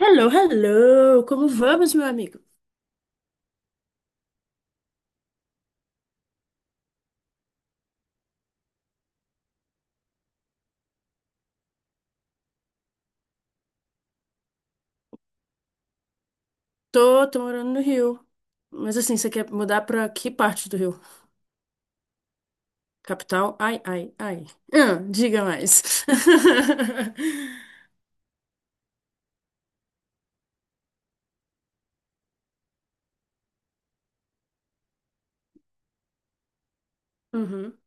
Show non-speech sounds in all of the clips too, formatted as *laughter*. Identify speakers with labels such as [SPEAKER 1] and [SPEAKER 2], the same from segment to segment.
[SPEAKER 1] Hello, hello! Como vamos, meu amigo? Tô, morando no Rio. Mas assim, você quer mudar pra que parte do Rio? Capital? Ai, ai, ai. Ah, diga mais. *laughs* Uhum.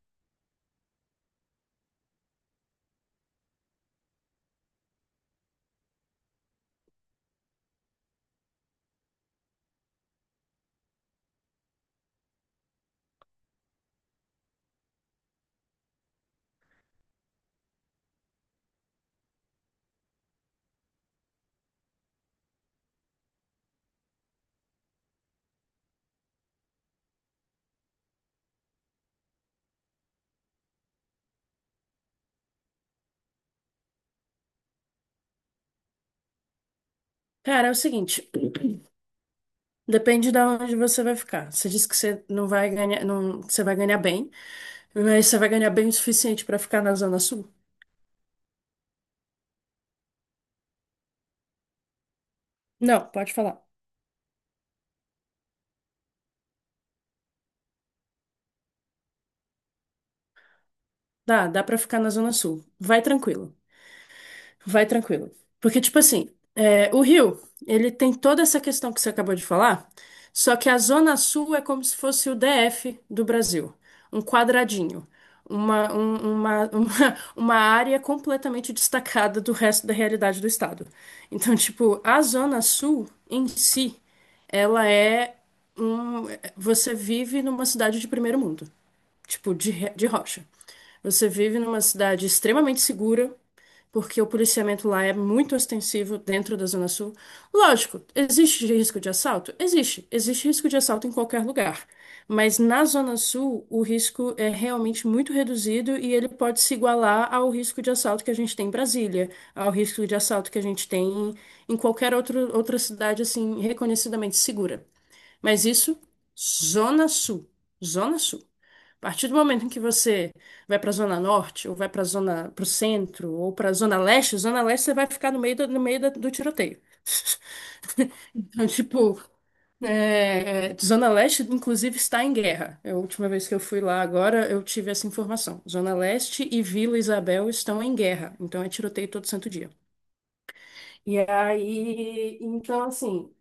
[SPEAKER 1] Cara, é o seguinte, depende de onde você vai ficar. Você disse que você não vai ganhar, não, você vai ganhar bem, mas você vai ganhar bem o suficiente pra ficar na Zona Sul? Não, pode falar. Dá pra ficar na Zona Sul. Vai tranquilo. Vai tranquilo. Porque, tipo assim, é, o Rio, ele tem toda essa questão que você acabou de falar, só que a Zona Sul é como se fosse o DF do Brasil, um quadradinho, uma, um- uma, *laughs* uma área completamente destacada do resto da realidade do estado. Então, tipo, a Zona Sul em si, ela é um. Você vive numa cidade de primeiro mundo tipo, de rocha. Você vive numa cidade extremamente segura, porque o policiamento lá é muito ostensivo dentro da Zona Sul. Lógico, existe risco de assalto? Existe. Existe risco de assalto em qualquer lugar. Mas na Zona Sul, o risco é realmente muito reduzido e ele pode se igualar ao risco de assalto que a gente tem em Brasília, ao risco de assalto que a gente tem em outra cidade, assim, reconhecidamente segura. Mas isso, Zona Sul. Zona Sul. A partir do momento em que você vai para a Zona Norte, ou vai para a Zona, para o centro, ou para a Zona Leste, Zona Leste você vai ficar no meio no meio do tiroteio. *laughs* Então, tipo, Zona Leste, inclusive, está em guerra. É a última vez que eu fui lá agora, eu tive essa informação. Zona Leste e Vila Isabel estão em guerra. Então, é tiroteio todo santo dia. E aí, então, assim,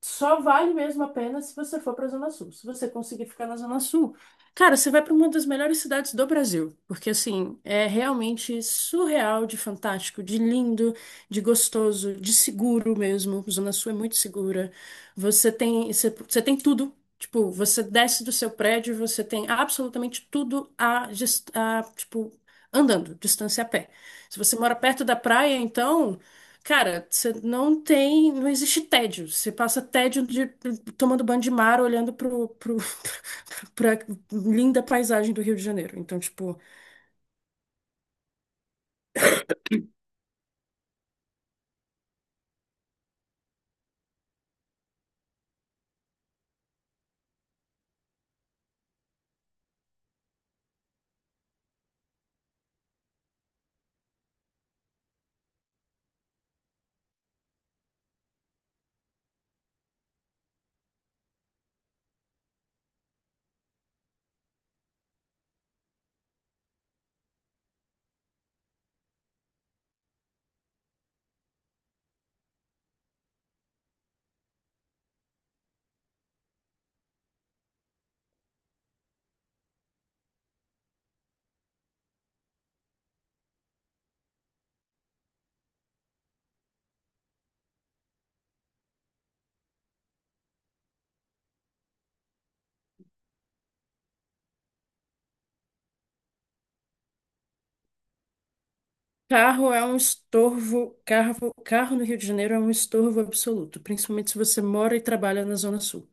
[SPEAKER 1] só vale mesmo a pena se você for para a Zona Sul. Se você conseguir ficar na Zona Sul, cara, você vai para uma das melhores cidades do Brasil, porque assim, é realmente surreal de fantástico, de lindo, de gostoso, de seguro mesmo. Zona Sul é muito segura. Você tem, você, você tem tudo. Tipo, você desce do seu prédio, você tem absolutamente tudo tipo, andando, distância a pé. Se você mora perto da praia, então cara, você não tem, não existe tédio. Você passa tédio de tomando banho de mar, olhando pro, pro, *laughs* pra linda paisagem do Rio de Janeiro. Então, tipo, carro é um estorvo, carro no Rio de Janeiro é um estorvo absoluto, principalmente se você mora e trabalha na Zona Sul.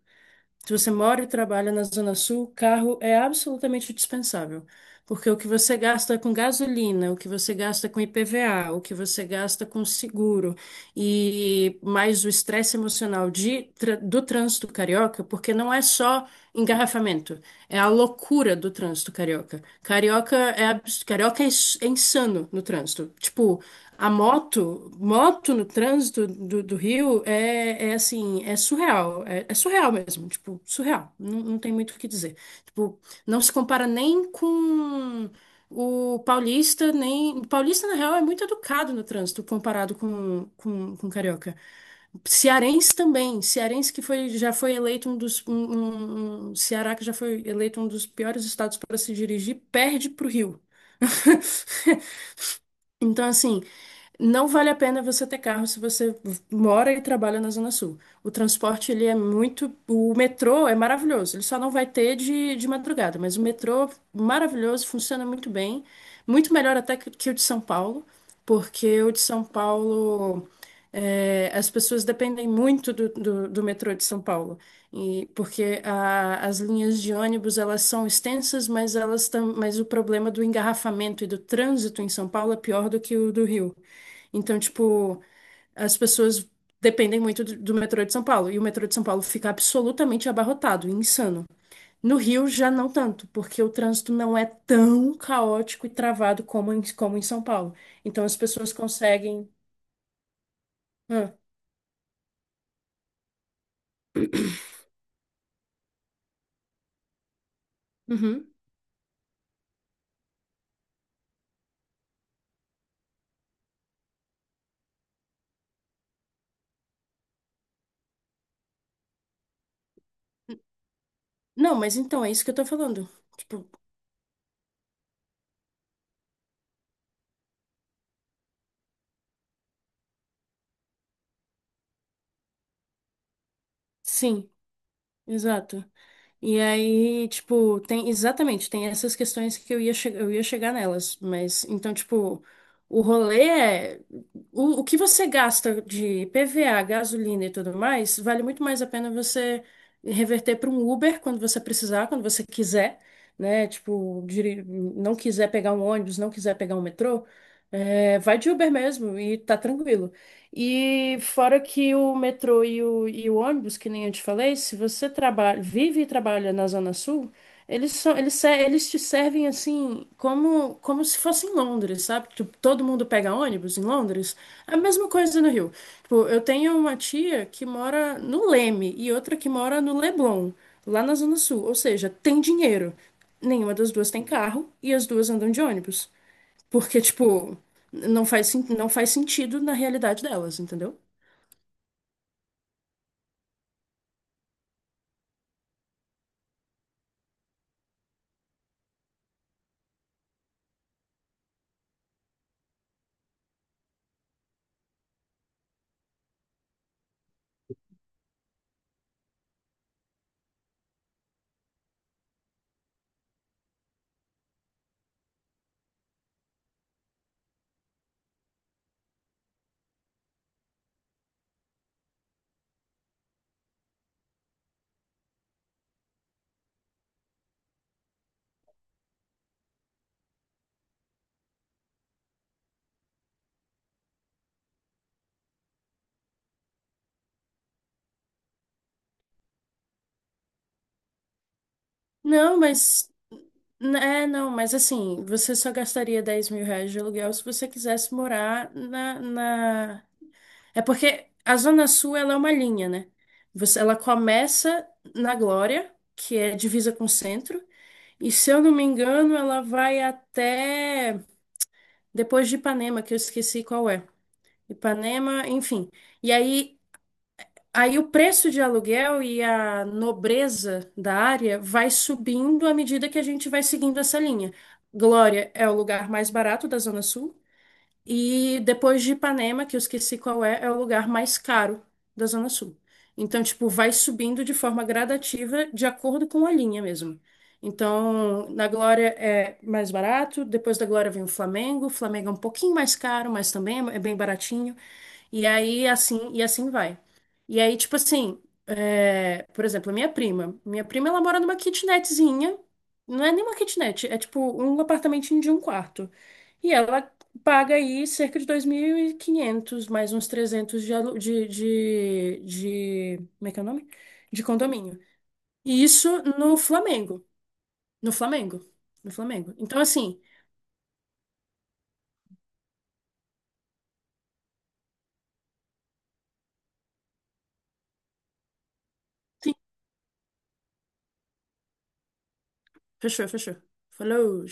[SPEAKER 1] Se você mora e trabalha na Zona Sul, carro é absolutamente dispensável, porque o que você gasta com gasolina, o que você gasta com IPVA, o que você gasta com seguro e mais o estresse emocional do trânsito carioca, porque não é só engarrafamento, é a loucura do trânsito carioca. Carioca é, carioca é é insano no trânsito. Tipo, moto no trânsito do Rio é, é assim, é surreal. É, é surreal mesmo, tipo, surreal. Não, não tem muito o que dizer. Tipo, não se compara nem com o paulista, nem... O paulista, na real, é muito educado no trânsito comparado com o carioca. Cearense também. Cearense que foi, já foi eleito um dos... Ceará que já foi eleito um dos piores estados para se dirigir, perde pro Rio. *laughs* Então, assim, não vale a pena você ter carro se você mora e trabalha na Zona Sul. O transporte, ele é muito... O metrô é maravilhoso. Ele só não vai ter de madrugada, mas o metrô, maravilhoso, funciona muito bem. Muito melhor até que o de São Paulo, porque o de São Paulo... é, as pessoas dependem muito do metrô de São Paulo. E porque as linhas de ônibus elas são extensas, mas mas o problema do engarrafamento e do trânsito em São Paulo é pior do que o do Rio. Então, tipo, as pessoas dependem muito do metrô de São Paulo, e o metrô de São Paulo fica absolutamente abarrotado, insano. No Rio já não tanto, porque o trânsito não é tão caótico e travado como em São Paulo. Então as pessoas conseguem. Ah, uhum. Não, mas então é isso que eu tô falando. Tipo, sim, exato. E aí, tipo, tem exatamente, tem essas questões que eu ia, eu ia chegar nelas, mas então, tipo, o rolê é o que você gasta de PVA, gasolina e tudo mais, vale muito mais a pena você reverter para um Uber quando você precisar, quando você quiser, né? Tipo, não quiser pegar um ônibus, não quiser pegar um metrô, é, vai de Uber mesmo e tá tranquilo. E fora que o metrô e o ônibus, que nem eu te falei, se você trabalha, vive e trabalha na Zona Sul, eles são, eles, se- eles te servem assim como, como se fosse em Londres, sabe? Tipo, todo mundo pega ônibus em Londres. A mesma coisa no Rio. Tipo, eu tenho uma tia que mora no Leme e outra que mora no Leblon, lá na Zona Sul. Ou seja, tem dinheiro. Nenhuma das duas tem carro e as duas andam de ônibus. Porque, tipo, não faz sentido na realidade delas, entendeu? Não, mas. É, não, mas assim, você só gastaria R$ 10.000 de aluguel se você quisesse morar na... É porque a Zona Sul, ela é uma linha, né? Você, ela começa na Glória, que é divisa com o centro, e se eu não me engano, ela vai até depois de Ipanema, que eu esqueci qual é. Ipanema, enfim. E aí aí o preço de aluguel e a nobreza da área vai subindo à medida que a gente vai seguindo essa linha. Glória é o lugar mais barato da Zona Sul e depois de Ipanema, que eu esqueci qual é, é o lugar mais caro da Zona Sul. Então, tipo, vai subindo de forma gradativa de acordo com a linha mesmo. Então, na Glória é mais barato, depois da Glória vem o Flamengo. O Flamengo é um pouquinho mais caro, mas também é bem baratinho. E aí, assim, e assim vai. E aí, tipo assim, é, por exemplo, a minha prima. Minha prima, ela mora numa kitnetzinha. Não é nem uma kitnet, é tipo um apartamentinho de um quarto. E ela paga aí cerca de 2.500 mais uns 300 de, alu- de... Como é que é o nome? De condomínio. E isso no Flamengo. No Flamengo. No Flamengo. Então, assim... Sim, fechou, fechou. Falou.